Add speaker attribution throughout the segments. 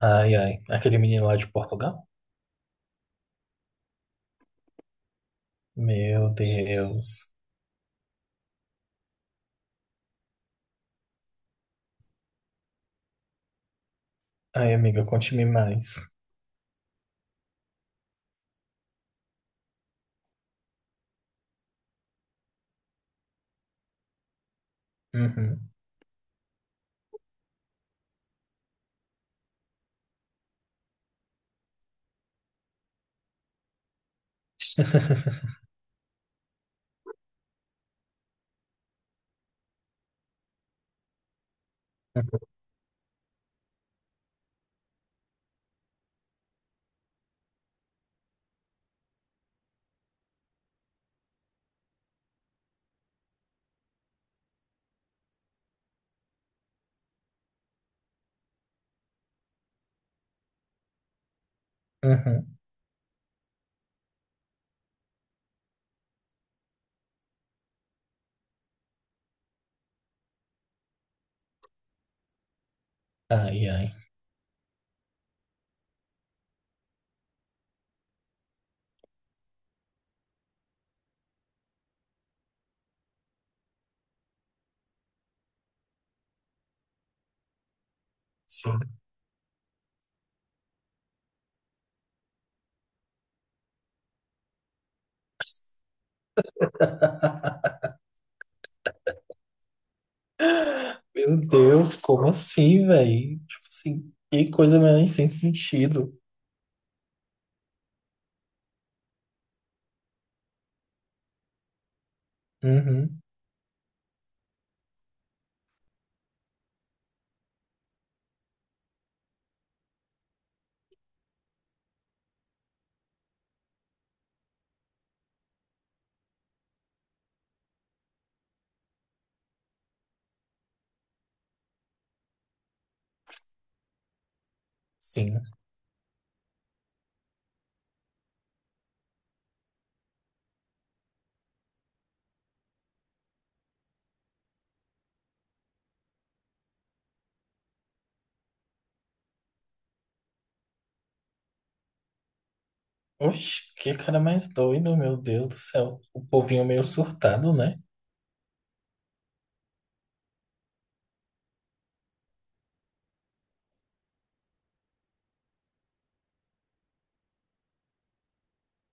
Speaker 1: Ai, ai. Aquele menino lá de Portugal? Meu Deus. Ai, amiga, conte-me mais. Uhum. Uhum. Ai, ai. Sim. Meu Deus, como assim, velho? Tipo assim, que coisa mais sem sentido. Uhum. Sim. Oxe, que cara mais doido, meu Deus do céu. O povinho meio surtado, né?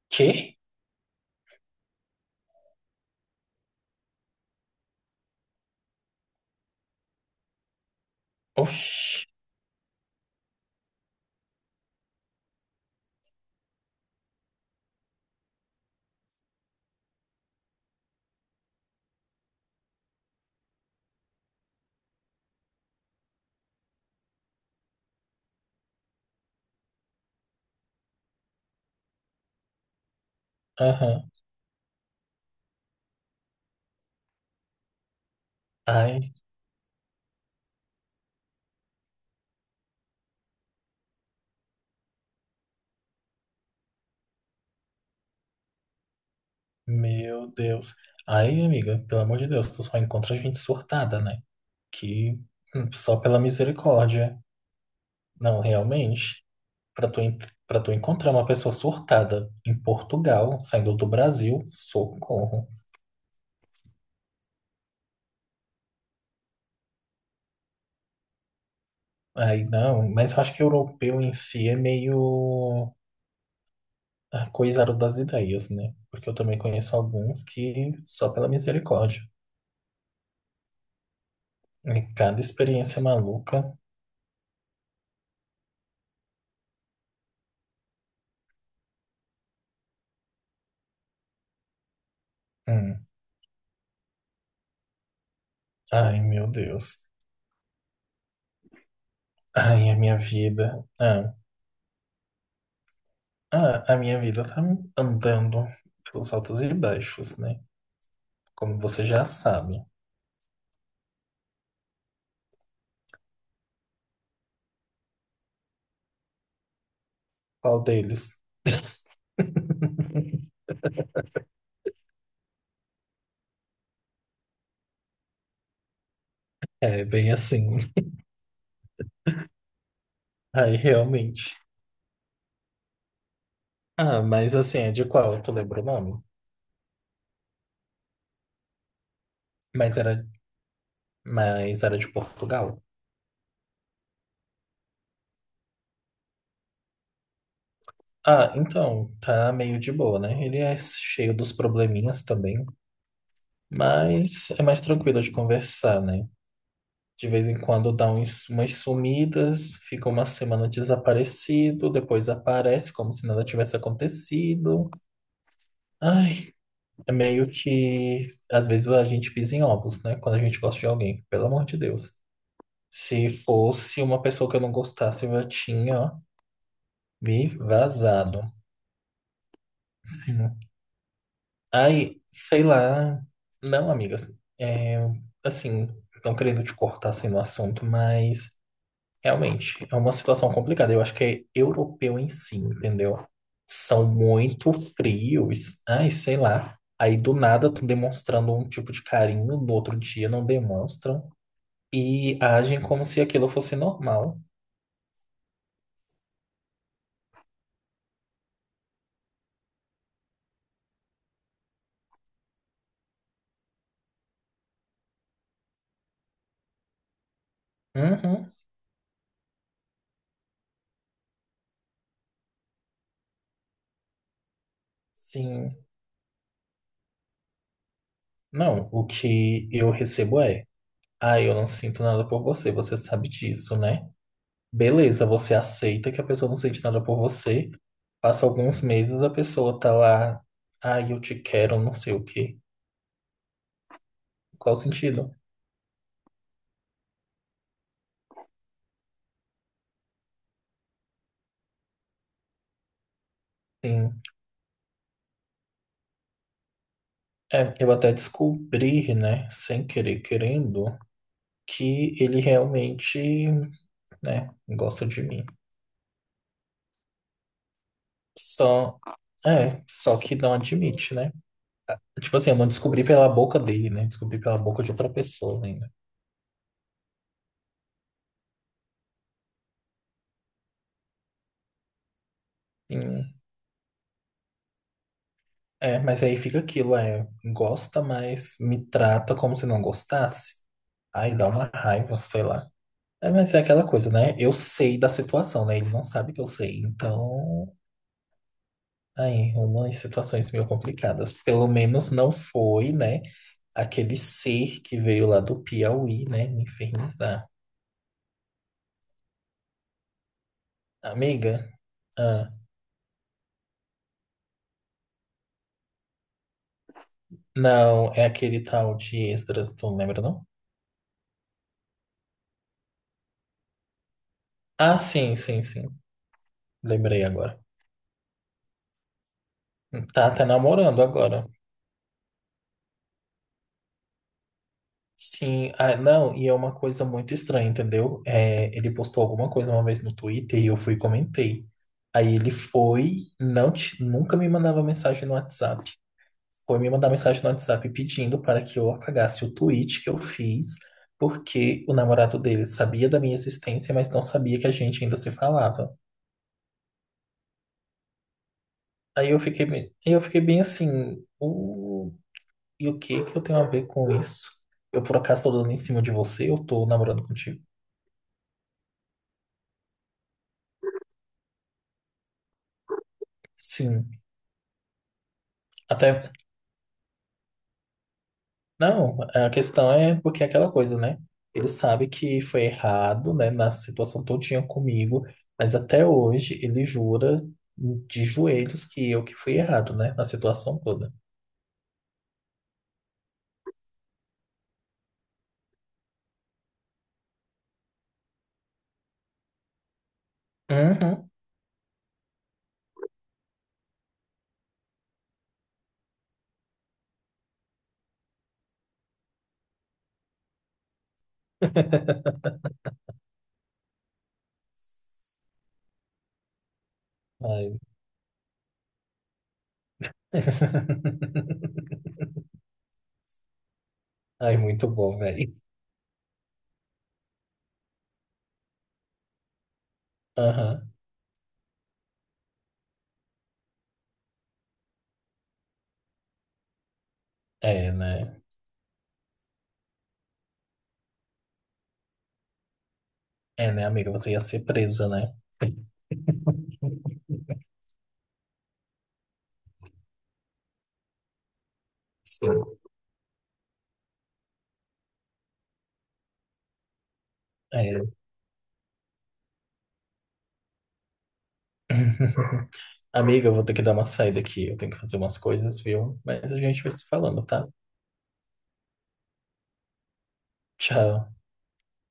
Speaker 1: Que? Oxe. Aham. Ai, meu Deus. Ai, amiga, pelo amor de Deus, tu só encontra gente surtada, né? Que só pela misericórdia. Não, realmente. Para tu, pra tu encontrar uma pessoa surtada em Portugal, saindo do Brasil, socorro. Aí não, mas eu acho que europeu em si é meio ah, coisado das ideias, né? Porque eu também conheço alguns que só pela misericórdia. E cada experiência maluca. Hum. Ai, meu Deus. Ai, a minha vida. Ah, ah, a minha vida tá andando pelos altos e baixos, né? Como você já sabe. Qual deles? É bem assim. Aí realmente. Ah, mas assim, é de qual? Tu lembra o nome? Mas era, mas era de Portugal. Ah, então, tá meio de boa, né? Ele é cheio dos probleminhas também, mas é mais tranquilo de conversar, né? De vez em quando dá umas sumidas, fica uma semana desaparecido, depois aparece como se nada tivesse acontecido. Ai, é meio que às vezes a gente pisa em ovos, né? Quando a gente gosta de alguém, pelo amor de Deus. Se fosse uma pessoa que eu não gostasse, eu já tinha me vazado. Assim, né? Aí, sei lá. Não, amigas. É, assim, não querendo te cortar assim no assunto, mas realmente, é uma situação complicada. Eu acho que é europeu em si, entendeu? São muito frios. Ai, sei lá. Aí do nada estão demonstrando um tipo de carinho, no outro dia não demonstram e agem como se aquilo fosse normal. Uhum, sim. Não, o que eu recebo é: ah, eu não sinto nada por você, você sabe disso, né? Beleza, você aceita que a pessoa não sente nada por você. Passa alguns meses, a pessoa tá lá. Ai, eu te quero, não sei o quê. Qual o sentido? Sim. É, eu até descobri, né, sem querer querendo, que ele realmente, né, gosta de mim. Só, é, só que não admite, né? Tipo assim, eu não descobri pela boca dele, né? Descobri pela boca de outra pessoa ainda. Sim. É, mas aí fica aquilo, é, gosta, mas me trata como se não gostasse. Aí dá uma raiva, sei lá. É, mas é aquela coisa, né? Eu sei da situação, né? Ele não sabe que eu sei, então ai, Roma, em situações meio complicadas. Pelo menos não foi, né? Aquele ser que veio lá do Piauí, né? Me infernizar. Amiga? Ah, não, é aquele tal de Esdras, tu não lembra, não? Ah, sim, sim, sim. Lembrei agora. Tá até namorando agora. Sim, ah, não, e é uma coisa muito estranha, entendeu? É, ele postou alguma coisa uma vez no Twitter e eu fui e comentei. Aí ele foi, não, nunca me mandava mensagem no WhatsApp. Foi me mandar mensagem no WhatsApp pedindo para que eu apagasse o tweet que eu fiz, porque o namorado dele sabia da minha existência, mas não sabia que a gente ainda se falava. Aí eu fiquei bem assim, e o que que eu tenho a ver com isso? Eu por acaso tô dando em cima de você? Eu tô namorando contigo? Sim. Até não, a questão é porque é aquela coisa, né? Ele sabe que foi errado, né, na situação todinha comigo, mas até hoje ele jura de joelhos que eu que fui errado, né, na situação toda. Uhum. Ai. Ai, muito bom, velho. Aham. É, né? É, né, amiga? Você ia ser presa, né? Sim. É. Amiga, eu vou ter que dar uma saída aqui. Eu tenho que fazer umas coisas, viu? Mas a gente vai se falando, tá? Tchau.